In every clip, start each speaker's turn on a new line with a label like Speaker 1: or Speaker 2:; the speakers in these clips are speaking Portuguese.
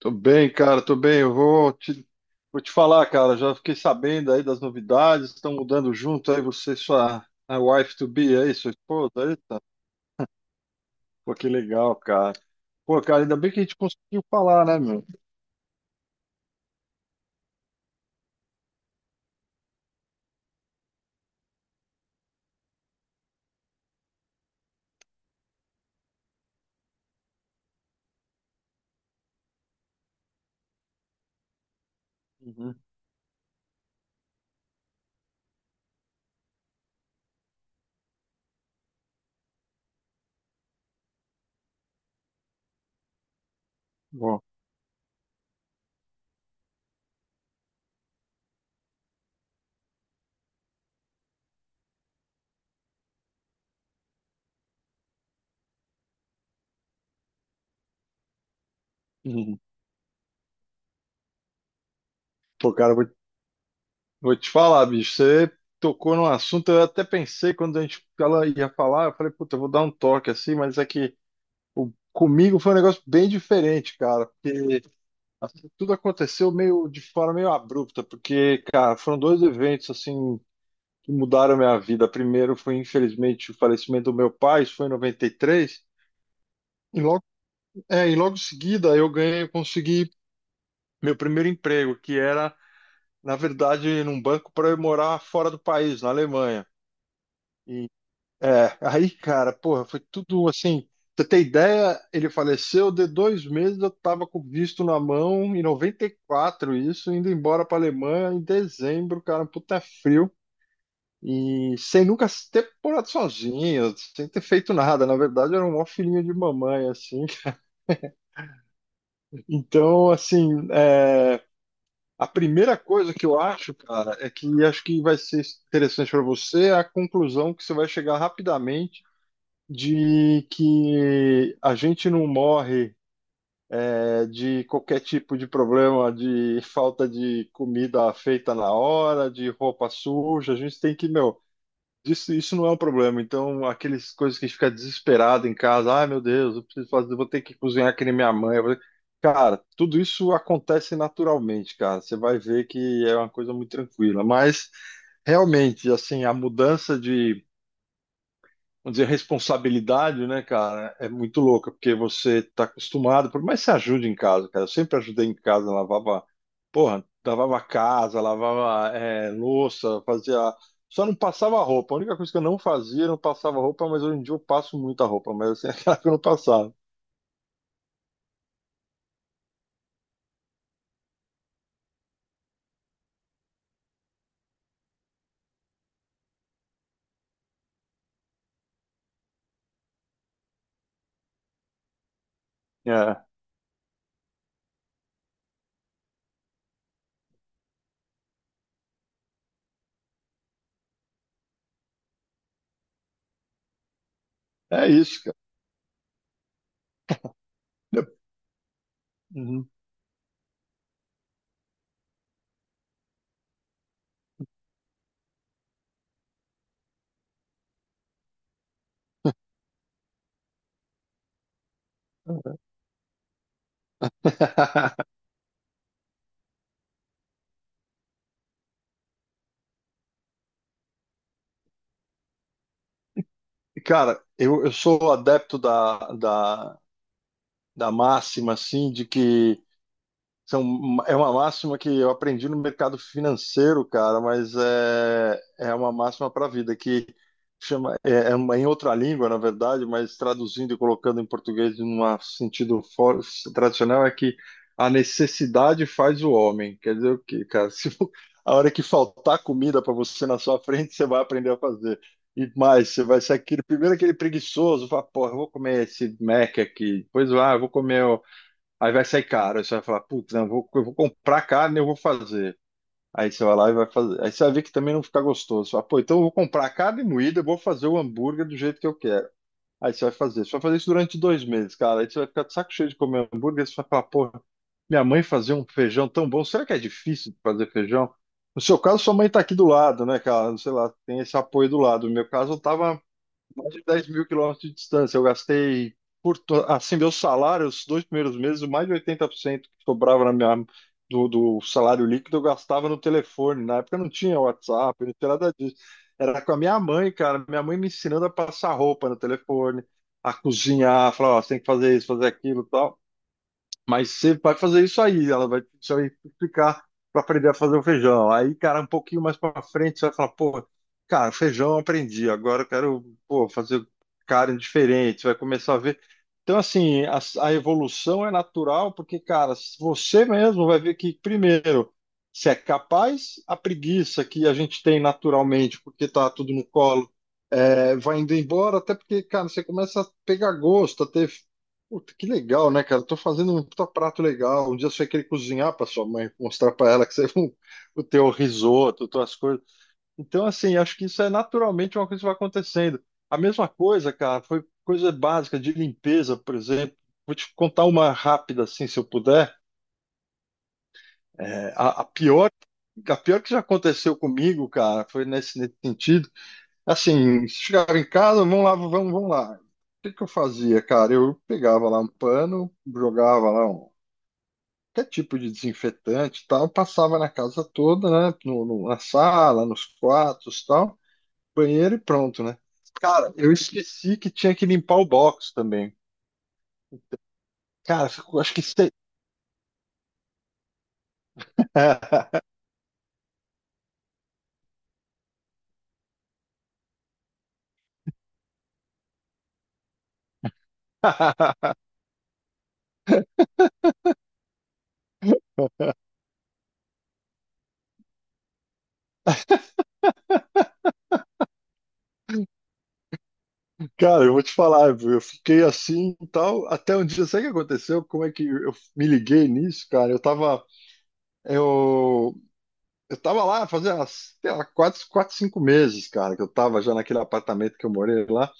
Speaker 1: Tô bem, cara, tô bem. Eu vou te falar, cara. Já fiquei sabendo aí das novidades. Estão mudando junto aí você e sua a wife to be aí, sua esposa. Eita, pô, que legal, cara. Pô, cara, ainda bem que a gente conseguiu falar, né, meu? Uhum. Bom, uhum. Pô, cara, vou te falar, bicho. Você tocou num assunto. Eu até pensei quando a gente ela ia falar, eu falei, puta, eu vou dar um toque assim, mas é que comigo foi um negócio bem diferente, cara. Tudo aconteceu meio de forma meio abrupta, porque, cara, foram dois eventos assim que mudaram a minha vida. Primeiro foi, infelizmente, o falecimento do meu pai, isso foi em 93, e logo, e logo em seguida eu consegui meu primeiro emprego, que era, na verdade, num banco para eu morar fora do país, na Alemanha. E Aí, cara, porra, foi tudo assim. Pra você ter ideia, ele faleceu de 2 meses, eu tava com o visto na mão, em 94, isso, indo embora pra Alemanha em dezembro, cara, um puta frio. E sem nunca ter morado sozinho, sem ter feito nada. Na verdade, eu era um maior filhinho de mamãe, assim. Então, assim, a primeira coisa que eu acho, cara, é que acho que vai ser interessante para você é a conclusão que você vai chegar rapidamente de que a gente não morre de qualquer tipo de problema, de falta de comida feita na hora, de roupa suja, a gente tem que, meu, isso não é um problema. Então, aquelas coisas que a gente fica desesperado em casa, ai meu Deus, eu preciso fazer, vou ter que cozinhar que nem minha mãe. Eu vou ter-". Cara, tudo isso acontece naturalmente, cara. Você vai ver que é uma coisa muito tranquila, mas realmente, assim, a mudança de vamos dizer, responsabilidade, né, cara, é muito louca, porque você está acostumado, por mais que você ajude em casa, cara, eu sempre ajudei em casa, lavava, porra, lavava casa, lavava louça, fazia. Só não passava roupa. A única coisa que eu não fazia, eu não passava roupa, mas hoje em dia eu passo muita roupa, mas assim, aquela que eu não passava. É, é isso, cara. Uhum. Cara, eu sou adepto da máxima, assim, de que é uma máxima que eu aprendi no mercado financeiro, cara, mas é uma máxima para a vida, que chama, em outra língua, na verdade, mas traduzindo e colocando em português num sentido tradicional, é que a necessidade faz o homem. Quer dizer o quê, cara? Se a hora que faltar comida para você na sua frente, você vai aprender a fazer. E mais, você vai ser aquele, primeiro aquele preguiçoso, fala, porra, eu vou comer esse Mac aqui, depois, ah, eu vou comer. Aí vai sair caro, aí você vai falar, putz, não, eu vou comprar carne e eu vou fazer. Aí você vai lá e vai fazer. Aí você vai ver que também não fica gostoso. Você fala, pô, então eu vou comprar carne moída, eu vou fazer o hambúrguer do jeito que eu quero. Aí você vai fazer. Você vai fazer isso durante 2 meses, cara. Aí você vai ficar de saco cheio de comer hambúrguer. Você vai falar, pô, minha mãe fazia um feijão tão bom. Será que é difícil de fazer feijão? No seu caso, sua mãe tá aqui do lado, né, cara? Sei lá, tem esse apoio do lado. No meu caso, eu tava mais de 10.000 quilômetros de distância. Eu gastei, assim, meu salário, os dois primeiros meses, mais de 80% que sobrava do salário líquido, eu gastava no telefone. Na época não tinha WhatsApp, não tinha nada disso. Era com a minha mãe, cara. Minha mãe me ensinando a passar roupa no telefone, a cozinhar, falar, ó, você tem que fazer isso, fazer aquilo e tal. Mas você vai fazer isso aí, ela vai, você vai explicar para aprender a fazer o feijão. Aí, cara, um pouquinho mais para frente, você vai falar, pô, cara, feijão eu aprendi, agora eu quero, pô, fazer carne diferente, você vai começar a ver. Então, assim, a evolução é natural, porque, cara, você mesmo vai ver que, primeiro, você é capaz, a preguiça que a gente tem naturalmente, porque tá tudo no colo, aí vai indo embora, até porque, cara, você começa a pegar gosto, a ter. Puta, que legal, né, cara? Tô fazendo um puta prato legal. Um dia você vai querer cozinhar pra sua mãe, mostrar pra ela que você o teu risoto, tuas coisas. Então, assim, acho que isso é naturalmente uma coisa que vai acontecendo. A mesma coisa, cara, foi coisa básica de limpeza, por exemplo. Vou te contar uma rápida, assim, se eu puder. É, a pior que já aconteceu comigo, cara, foi nesse sentido. Assim, chegava em casa, vamos lá, vamos lá. O que que eu fazia, cara? Eu pegava lá um pano, jogava lá qualquer tipo de desinfetante e tal, passava na casa toda, né? Na sala, nos quartos e tal, banheiro e pronto, né? Cara, eu esqueci que tinha que limpar o box também. Cara, eu acho que sei. Cara, eu vou te falar, viu? Eu fiquei assim e tal, até um dia, sabe o que aconteceu? Como é que eu me liguei nisso, cara? Eu Eu tava lá fazia, sei lá, quatro, cinco meses, cara, que eu tava já naquele apartamento que eu morei lá.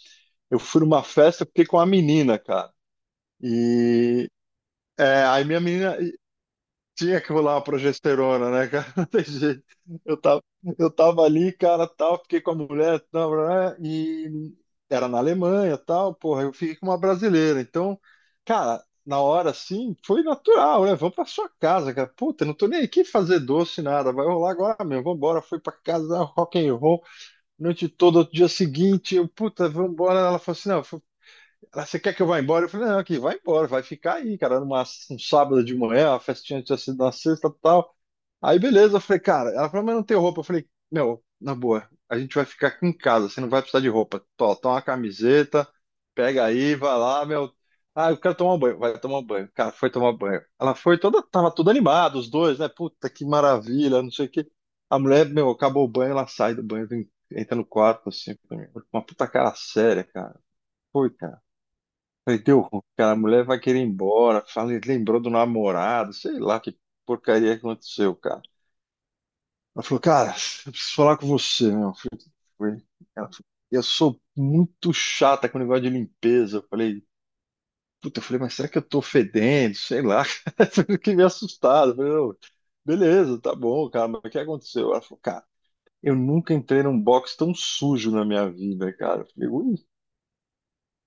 Speaker 1: Eu fui numa festa, fiquei com uma menina, cara. E Aí minha menina. Tinha que rolar uma progesterona, né, cara? Não tem jeito. Eu tava, eu tava ali, cara, tal, fiquei com a mulher, tal, blá, blá, e era na Alemanha, tal, porra, eu fiquei com uma brasileira. Então, cara, na hora assim, foi natural, né? Vamos pra sua casa, cara. Puta, não tô nem aqui fazer doce, nada. Vai rolar agora mesmo. Vambora, fui pra casa, rock and roll, noite toda, outro dia seguinte, eu, puta, vambora. Ela falou assim, não, você quer que eu vá embora? Eu falei, não, aqui, vai embora, vai ficar aí, cara, um sábado de manhã, a festinha tinha sido na sexta e tal. Aí, beleza, eu falei, cara, ela falou, mas não tem roupa. Eu falei, meu, na boa, a gente vai ficar aqui em casa, você não vai precisar de roupa. Tó, toma uma camiseta, pega aí, vai lá, meu. Ah, eu quero tomar um banho. Vai tomar um banho. Cara, foi tomar banho. Ela foi toda, tava tudo animado, os dois, né? Puta, que maravilha, não sei o quê. A mulher, meu, acabou o banho, ela sai do banho, entra no quarto, assim, pra mim. Uma puta cara séria, cara. Putz, falei, deu ruim, cara, a mulher vai querer ir embora. Falei, lembrou do namorado, sei lá que porcaria que aconteceu, cara. Ela falou, cara, eu preciso falar com você, meu. Eu falei, Ela falou, eu sou muito chata com o negócio de limpeza. Eu falei, puta, eu falei, mas será que eu tô fedendo? Sei lá. Eu Fiquei meio assustado. Eu falei, não, beleza, tá bom, cara, mas o que aconteceu? Ela falou, cara, eu nunca entrei num box tão sujo na minha vida, cara. Eu falei, ui,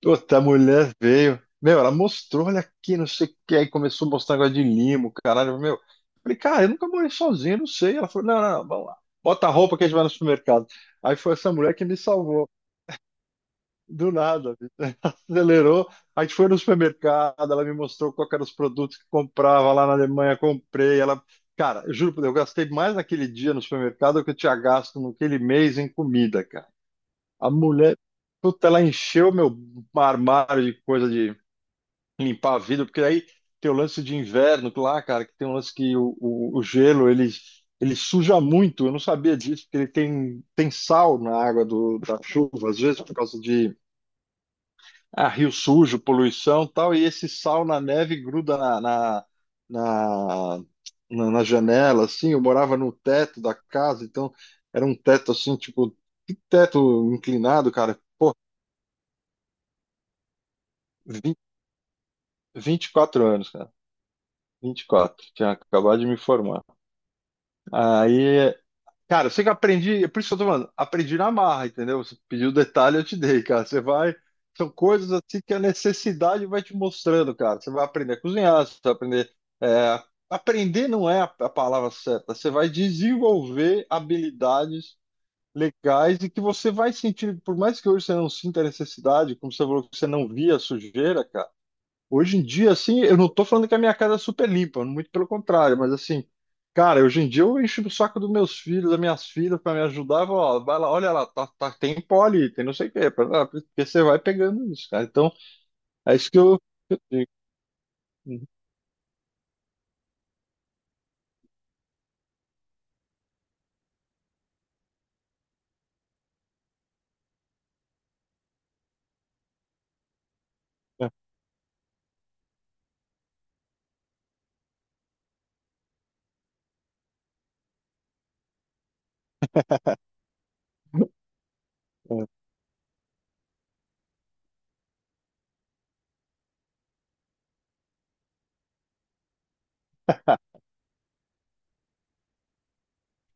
Speaker 1: Outra mulher veio. Meu, ela mostrou, olha aqui, não sei o que. Aí começou a mostrar negócio de limo, caralho. Meu, falei, cara, eu nunca morei sozinho, não sei. Ela falou, não, não, vamos lá. Bota a roupa que a gente vai no supermercado. Aí foi essa mulher que me salvou. Do nada, bicho. Acelerou. A gente foi no supermercado, ela me mostrou qual que eram os produtos que comprava lá na Alemanha, comprei. Ela, cara, eu juro por Deus, eu gastei mais naquele dia no supermercado do que eu tinha gasto naquele mês em comida, cara. A mulher, puta, ela encheu meu armário de coisa de limpar a vidro, porque aí tem o lance de inverno lá, cara, que tem um lance que o gelo ele suja muito. Eu não sabia disso, porque ele tem sal na água da chuva, às vezes por causa de rio sujo, poluição e tal, e esse sal na neve gruda na, na janela, assim. Eu morava no teto da casa, então era um teto assim, tipo, que teto inclinado, cara. Pô, vinte, 24 anos, cara. 24 anos, tinha acabado de me formar. Aí, cara, eu sei que eu aprendi, é por isso que eu tô falando, aprendi na marra, entendeu? Você pediu detalhe, eu te dei, cara. Você vai. São coisas assim que a necessidade vai te mostrando, cara. Você vai aprender a cozinhar, você vai aprender. é, Aprender não é a palavra certa. Você vai desenvolver habilidades legais e que você vai sentir, por mais que hoje você não sinta a necessidade, como você falou que você não via a sujeira, cara. Hoje em dia, assim, eu não tô falando que a minha casa é super limpa, muito pelo contrário, mas assim, cara, hoje em dia eu encho o saco dos meus filhos, das minhas filhas para me ajudar, eu falo, ó, vai lá, olha lá, tem pó ali, tem não sei o quê, porque você vai pegando isso, cara. Então, é isso que eu digo. Uhum.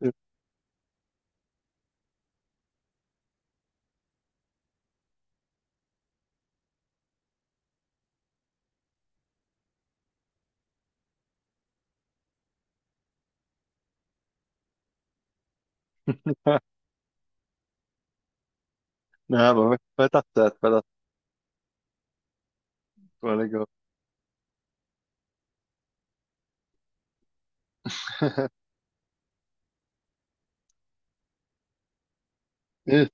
Speaker 1: Não, vai dar certo, vai dar certo, vai legal. E,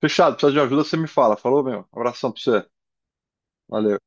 Speaker 1: Fechado, precisa de ajuda, você me fala. Falou, meu. Abração pra você. Valeu.